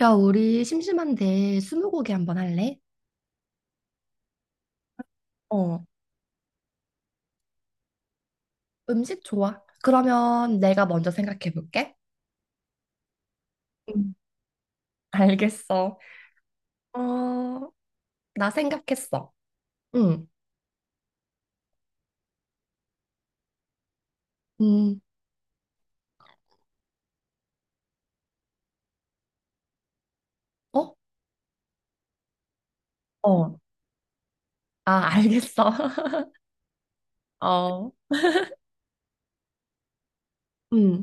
야, 우리 심심한데 스무고개 한번 할래? 어, 음식 좋아. 그러면 내가 먼저 생각해 볼게. 응. 알겠어. 어, 나 생각했어. 응. 음, 어? 어. 아, 알겠어. 어. 음,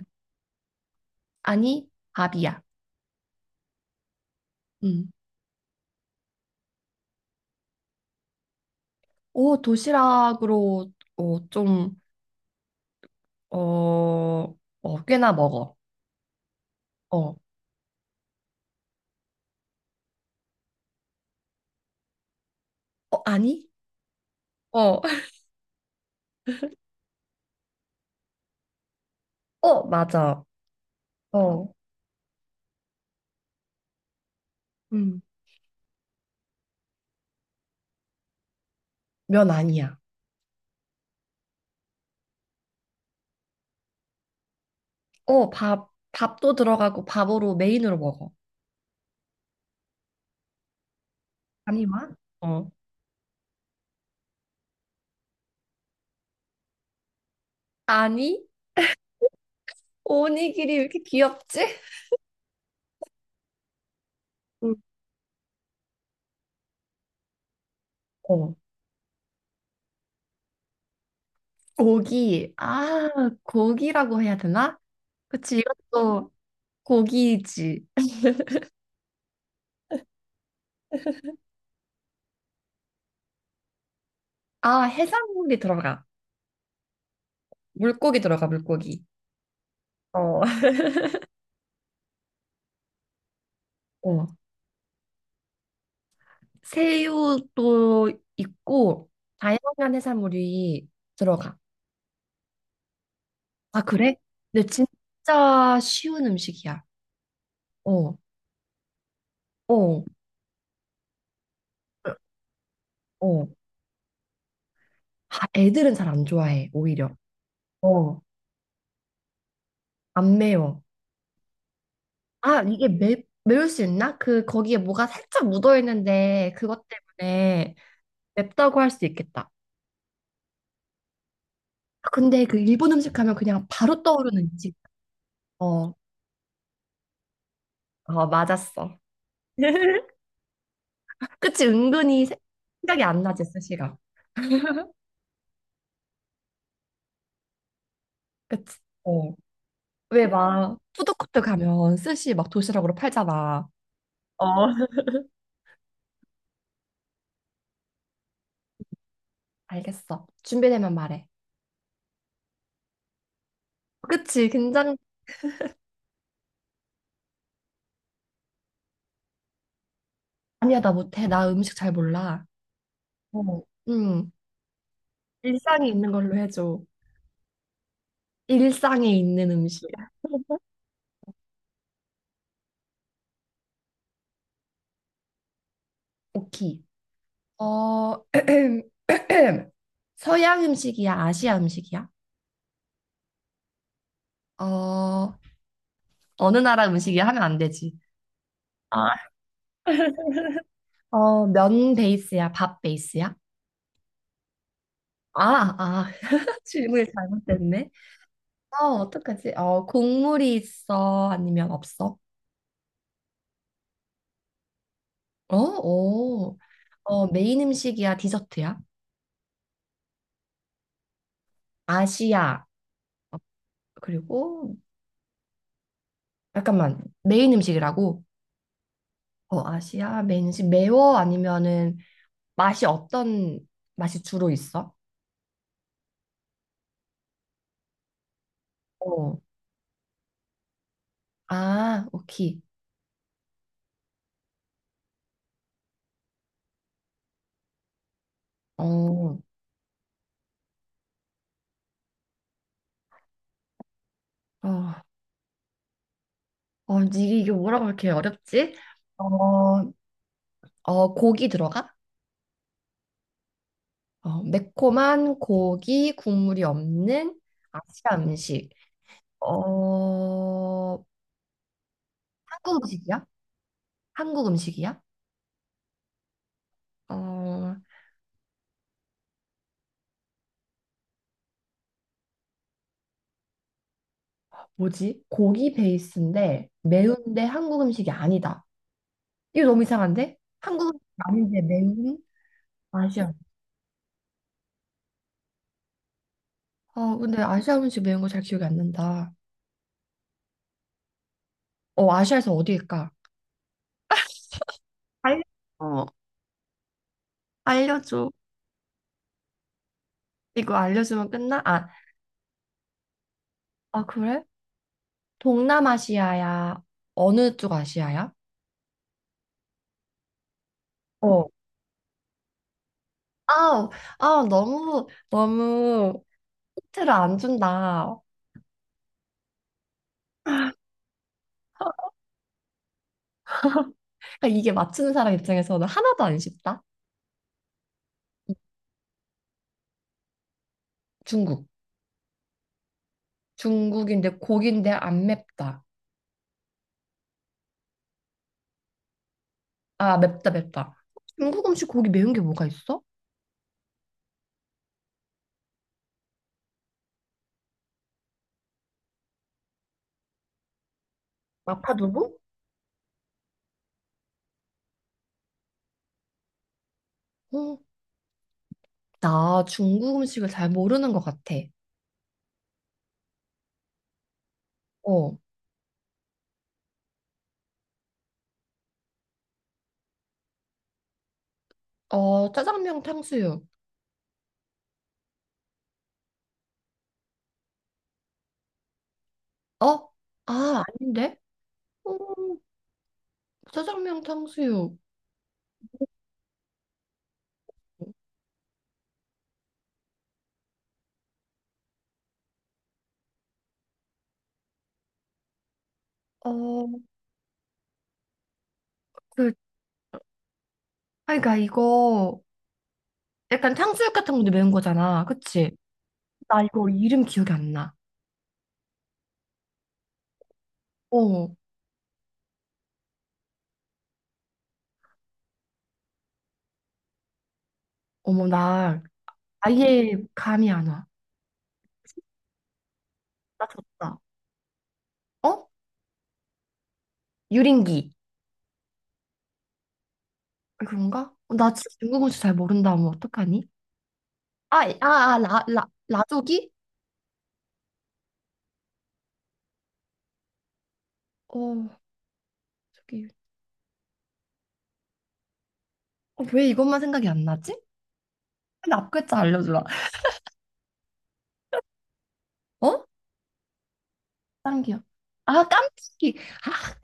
아니, 밥이야. 음. 오, 도시락으로, 좀, 어, 꽤나 먹어. 어. 어, 아니? 어. 어, 맞아. 어. 음. 면 아니야. 어, 밥도 들어가고 밥으로 메인으로 먹어. 아니만? 어. 아니, 오니기리 왜 이렇게 귀엽지? 응. 어. 고기. 아, 고기라고 해야 되나? 그치, 이것도 고기지. 아, 해산물이 들어가. 물고기 들어가, 물고기. 어. 어. 새우도 있고, 다양한 해산물이 들어가. 아, 그래? 근데 진짜 쉬운 음식이야. 어, 어, 어. 아, 애들은 잘 안 좋아해, 오히려. 어, 안 매워. 아, 이게 매울 수 있나? 거기에 뭐가 살짝 묻어있는데, 그것 때문에 맵다고 할 수 있겠다. 아, 근데 그 일본 음식 하면 그냥 바로 떠오르는 음식. 어, 어, 맞았어. 그치, 은근히. 생각이 안 나지, 스시가. 그치? 어. 왜 막, 푸드코트 가면 스시 막 도시락으로 팔잖아. 어. 알겠어. 준비되면 말해. 그치, 긴장. 아니야, 나 못해. 나 음식 잘 몰라. 어, 음, 일상에 있는 걸로 해줘. 일상에 있는 음식. 오키. 어, 서양 음식이야? 아시아 음식이야? 어, 어느 나라 음식이야 하면 안 되지. 아. 면 베이스야? 밥 베이스야? 아, 아, 질문이 잘못됐네. 어떡하지? 국물이 있어? 아니면 없어? 어, 오. 메인 음식이야? 디저트야? 아시아. 그리고, 잠깐만, 메인 음식이라고? 아시아 맨식 매워 아니면은 맛이 어떤 맛이 주로 있어? 어. 아, 오케이. 어. 어. 이게 뭐라고 이렇게 어렵지? 어, 고기 들어가? 매콤한 고기 국물이 없는 아시아 음식. 어, 한국 음식이야? 한국 음식이야? 어, 뭐지? 고기 베이스인데 매운데 한국 음식이 아니다. 이거 너무 이상한데? 한국 음식 아닌데 매운 아시아. 아, 근데 아시아 음식 매운 거 잘 기억이 안 난다. 아시아에서 어디일까? 알려. 어, 알려줘. 이거 알려주면 끝나? 아, 아, 그래? 동남아시아야. 어느 쪽 아시아야? 어. 아우, 아, 너무, 너무 힌트를 안 준다. 그러니까 이게 맞추는 사람 입장에서는 하나도 안 쉽다. 중국. 중국인데 고기인데 안 맵다. 아, 맵다, 맵다. 중국 음식 고기 매운 게 뭐가 있어? 마파두부? 어, 나 중국 음식을 잘 모르는 것 같아. 어, 어, 짜장면 탕수육. 어? 아, 아닌데? 어, 짜장면 탕수육. 어, 그, 그러니까 이거 약간 탕수육 같은 건데 매운 거잖아. 그치? 나 이거 이름 기억이 안 나. 어, 어머, 나 아예 감이 안 와. 나 졌다. 어? 유린기. 그런가? 나 진짜 중국 음식 잘 모른다. 뭐, 어떡하니? 라조기? 어, 저기. 왜 이것만 생각이 안 나지? 근데 앞글자 알려주라. 어? 다른 기억. 아, 깜짝이. 아,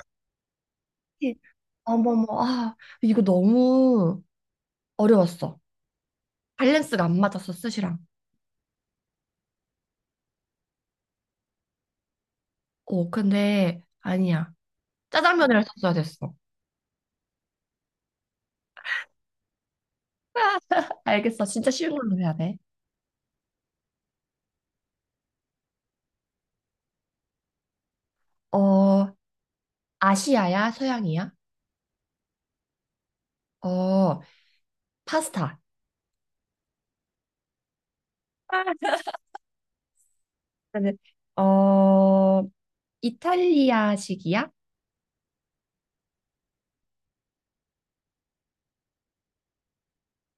예. 어머머. 아, 이거 너무 어려웠어. 밸런스가 안 맞았어, 스시랑. 어, 근데 아니야. 짜장면이했 썼어야 됐어. 알겠어. 진짜 쉬운 걸로 해야 돼. 어, 아시아야, 서양이야? 어, 파스타. 근데, 어, 이탈리아식이야?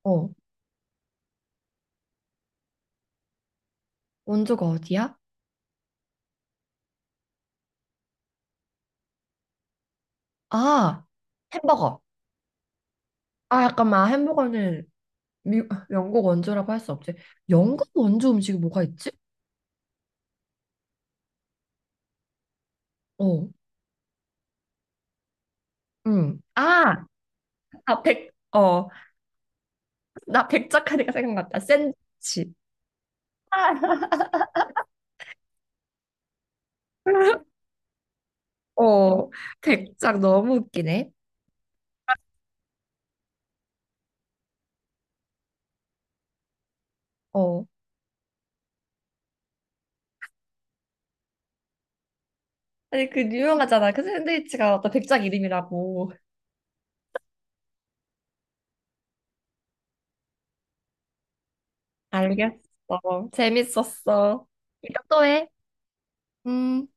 어, 원조가 어디야? 아, 햄버거. 아, 약간 막 햄버거는 미, 영국 원조라고 할 수 없지. 영국 원조 음식이 뭐가 있지? 어, 응. 아, 아, 나 백작하니까 생각났다. 샌드위치. 아, 백작 너무 웃기네. 어. 아니, 그 유명하잖아. 그 샌드위치가 어떤 백작 이름이라고. 알겠어. 재밌었어. 이따 또 해. 음.